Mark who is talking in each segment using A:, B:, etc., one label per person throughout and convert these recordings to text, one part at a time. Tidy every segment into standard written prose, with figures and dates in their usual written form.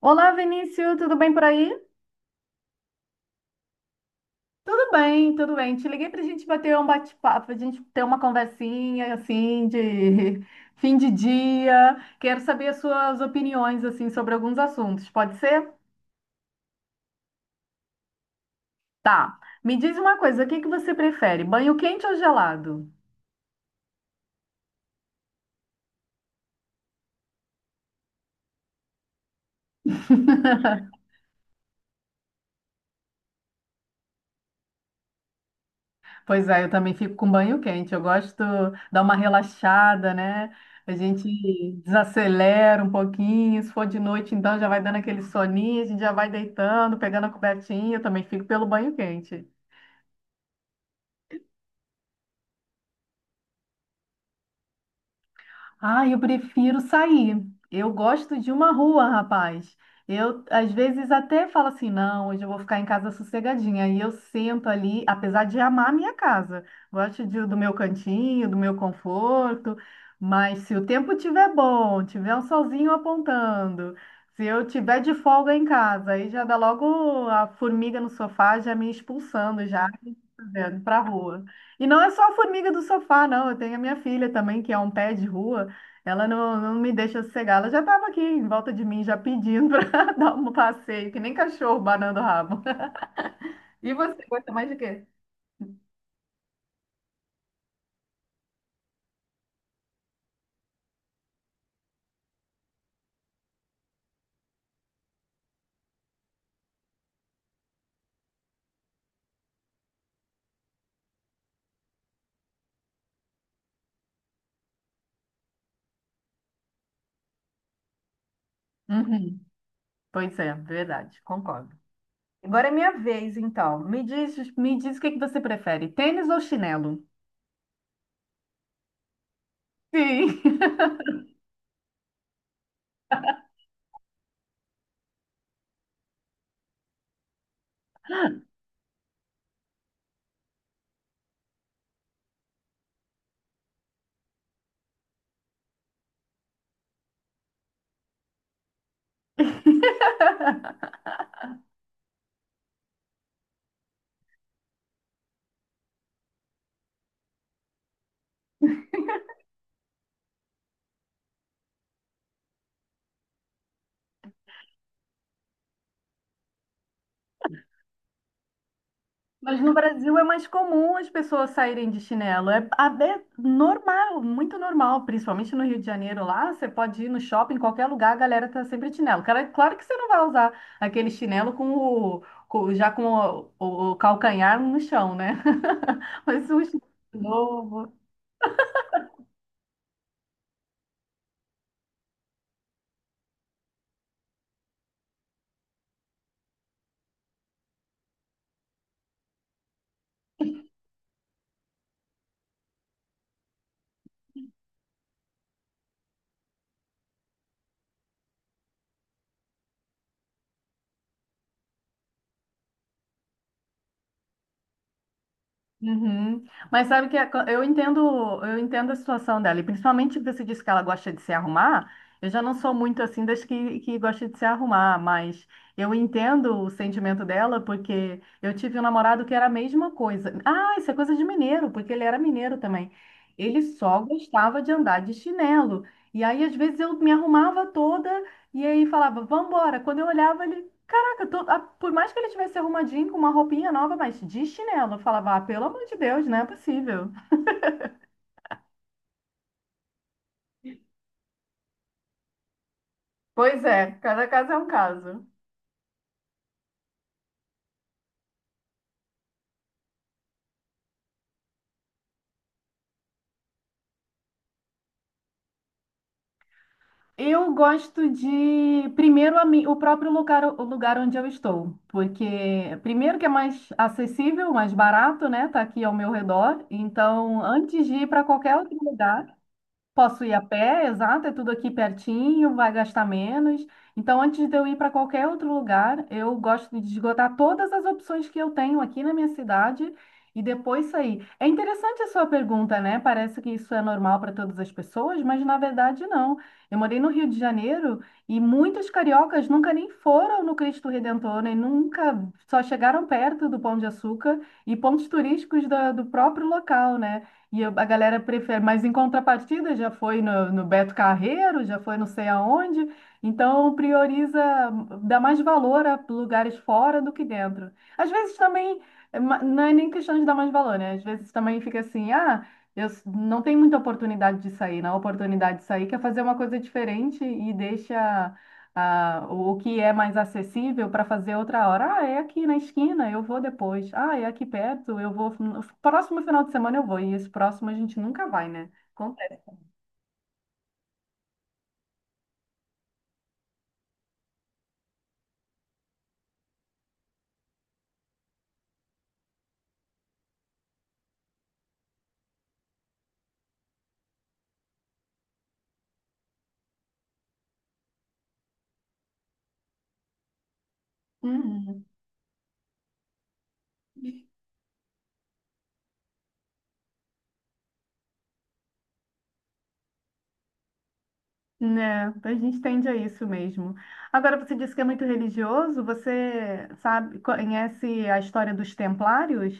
A: Olá, Vinícius, tudo bem por aí? Tudo bem, tudo bem. Te liguei para a gente bater um bate-papo, a gente ter uma conversinha assim de fim de dia. Quero saber as suas opiniões assim sobre alguns assuntos. Pode ser? Tá. Me diz uma coisa, o que que você prefere, banho quente ou gelado? Pois é, eu também fico com banho quente. Eu gosto de dar uma relaxada, né? A gente desacelera um pouquinho. Se for de noite, então já vai dando aquele soninho, a gente já vai deitando, pegando a cobertinha. Eu também fico pelo banho quente. Ah, eu prefiro sair. Eu gosto de uma rua, rapaz. Eu, às vezes, até falo assim: não, hoje eu vou ficar em casa sossegadinha. E eu sento ali, apesar de amar a minha casa, gosto do meu cantinho, do meu conforto. Mas se o tempo tiver bom, tiver um solzinho apontando, se eu tiver de folga em casa, aí já dá logo a formiga no sofá já me expulsando, já para a rua. E não é só a formiga do sofá, não. Eu tenho a minha filha também, que é um pé de rua. Ela não, não me deixa sossegar. Ela já estava aqui em volta de mim, já pedindo para dar um passeio, que nem cachorro banando o rabo. E você gosta mais de quê? Uhum. Pois é, verdade, concordo. Agora é minha vez, então. Me diz o que que você prefere, tênis ou chinelo? Sim. Mas no Brasil é mais comum as pessoas saírem de chinelo. É, é normal, muito normal, principalmente no Rio de Janeiro lá. Você pode ir no shopping, em qualquer lugar, a galera tá sempre de chinelo. Cara, claro que você não vai usar aquele chinelo já com o calcanhar no chão, né? Mas um chinelo novo. Uhum. Mas sabe que eu entendo a situação dela, e principalmente que você disse que ela gosta de se arrumar. Eu já não sou muito assim das que gosta de se arrumar, mas eu entendo o sentimento dela, porque eu tive um namorado que era a mesma coisa. Ah, isso é coisa de mineiro, porque ele era mineiro também. Ele só gostava de andar de chinelo. E aí, às vezes, eu me arrumava toda e aí falava, vambora. Quando eu olhava, ele, caraca, por mais que ele tivesse arrumadinho com uma roupinha nova, mas de chinelo, eu falava, ah, pelo amor de Deus, não é possível. Pois é, cada caso é um caso. Eu gosto de, primeiro, o próprio lugar, o lugar onde eu estou, porque, primeiro, que é mais acessível, mais barato, né? Tá aqui ao meu redor. Então, antes de ir para qualquer outro lugar. Posso ir a pé, exato, é tudo aqui pertinho, vai gastar menos. Então, antes de eu ir para qualquer outro lugar, eu gosto de esgotar todas as opções que eu tenho aqui na minha cidade e depois sair. É interessante a sua pergunta, né? Parece que isso é normal para todas as pessoas, mas na verdade não. Eu morei no Rio de Janeiro e muitos cariocas nunca nem foram no Cristo Redentor, nem nunca só chegaram perto do Pão de Açúcar e pontos turísticos do próprio local, né? A galera prefere, mas em contrapartida já foi no Beto Carreiro, já foi não sei aonde, então prioriza, dá mais valor a lugares fora do que dentro. Às vezes também, não é nem questão de dar mais valor, né? Às vezes também fica assim, ah, não tem muita oportunidade de sair, não. A oportunidade de sair quer fazer uma coisa diferente e deixa o que é mais acessível para fazer outra hora. Ah, é aqui na esquina, eu vou depois. Ah, é aqui perto, eu vou. No próximo final de semana eu vou. E esse próximo a gente nunca vai, né? Acontece. Uhum. Né, a gente tende a isso mesmo. Agora, você disse que é muito religioso, você sabe, conhece a história dos templários,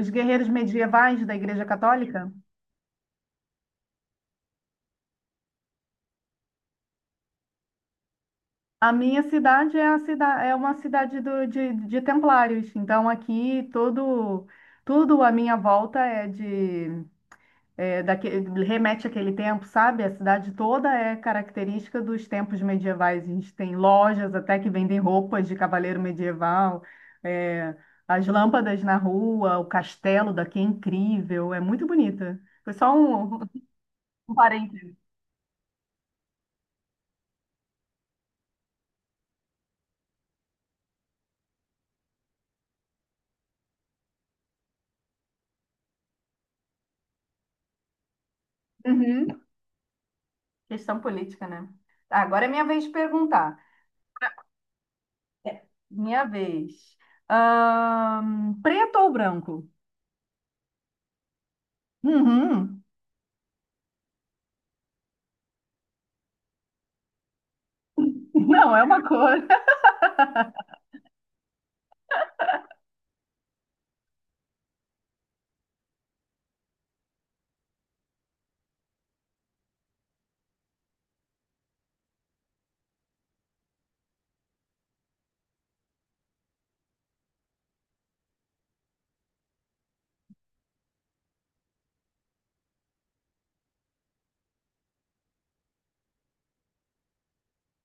A: os guerreiros medievais da Igreja Católica? A minha cidade é uma cidade de templários, então aqui tudo à minha volta é daque- remete àquele tempo, sabe? A cidade toda é característica dos tempos medievais. A gente tem lojas até que vendem roupas de cavaleiro medieval, é, as lâmpadas na rua, o castelo daqui é incrível, é muito bonita. Foi só um parênteses. Uhum. Questão política, né? Agora é minha vez de perguntar. É, Minha vez. Preto ou branco? Uhum. Não, é uma cor.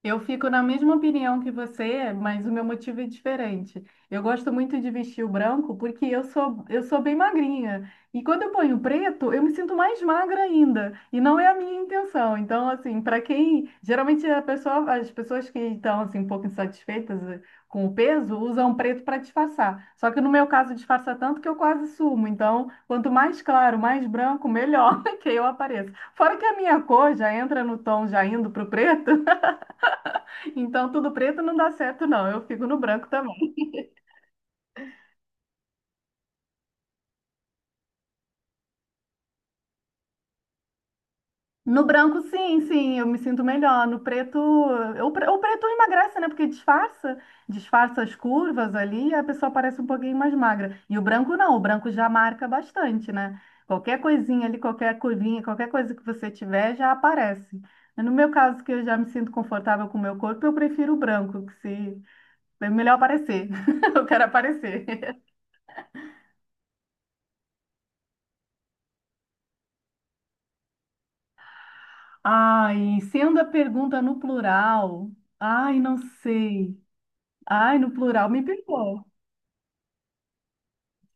A: Eu fico na mesma opinião que você, mas o meu motivo é diferente. Eu gosto muito de vestir o branco porque eu sou bem magrinha. E quando eu ponho preto, eu me sinto mais magra ainda. E não é a minha intenção. Então, assim, para quem. Geralmente a pessoa, as pessoas que estão assim, um pouco insatisfeitas com o peso usam preto para disfarçar. Só que no meu caso, disfarça tanto que eu quase sumo. Então, quanto mais claro, mais branco, melhor que eu apareço. Fora que a minha cor já entra no tom já indo para o preto. Então, tudo preto não dá certo, não. Eu fico no branco também. No branco, sim, sim, eu me sinto melhor. No preto, o preto emagrece, né? Porque disfarça as curvas ali e a pessoa parece um pouquinho mais magra. E o branco não, o branco já marca bastante, né? Qualquer coisinha ali, qualquer curvinha, qualquer coisa que você tiver já aparece. No meu caso, que eu já me sinto confortável com o meu corpo, eu prefiro o branco, que se é melhor aparecer. Eu quero aparecer. Ai, sendo a pergunta no plural, ai, não sei. Ai, no plural me pegou.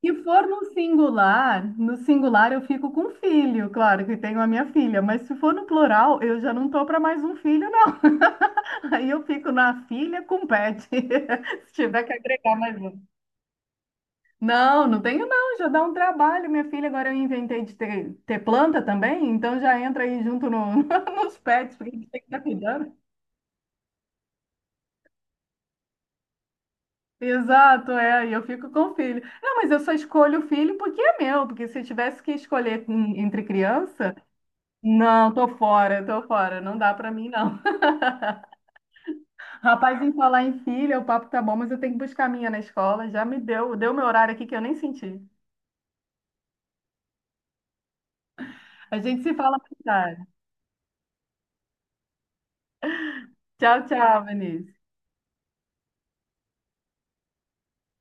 A: Se for no singular, no singular eu fico com filho, claro que tenho a minha filha, mas se for no plural, eu já não tô para mais um filho, não. Aí eu fico na filha com pet, se tiver que agregar mais um. Não, não tenho não, já dá um trabalho, minha filha. Agora eu inventei de ter planta também, então já entra aí junto no, nos pets, porque a gente tem que estar cuidando. Exato, é, e eu fico com o filho. Não, mas eu só escolho o filho porque é meu, porque se eu tivesse que escolher entre criança, não, tô fora, não dá pra mim não. Rapaz, em falar em filho, o papo tá bom, mas eu tenho que buscar a minha na escola, já me deu meu horário aqui que eu nem senti. A gente se fala mais tarde. Tchau, tchau, Vinícius.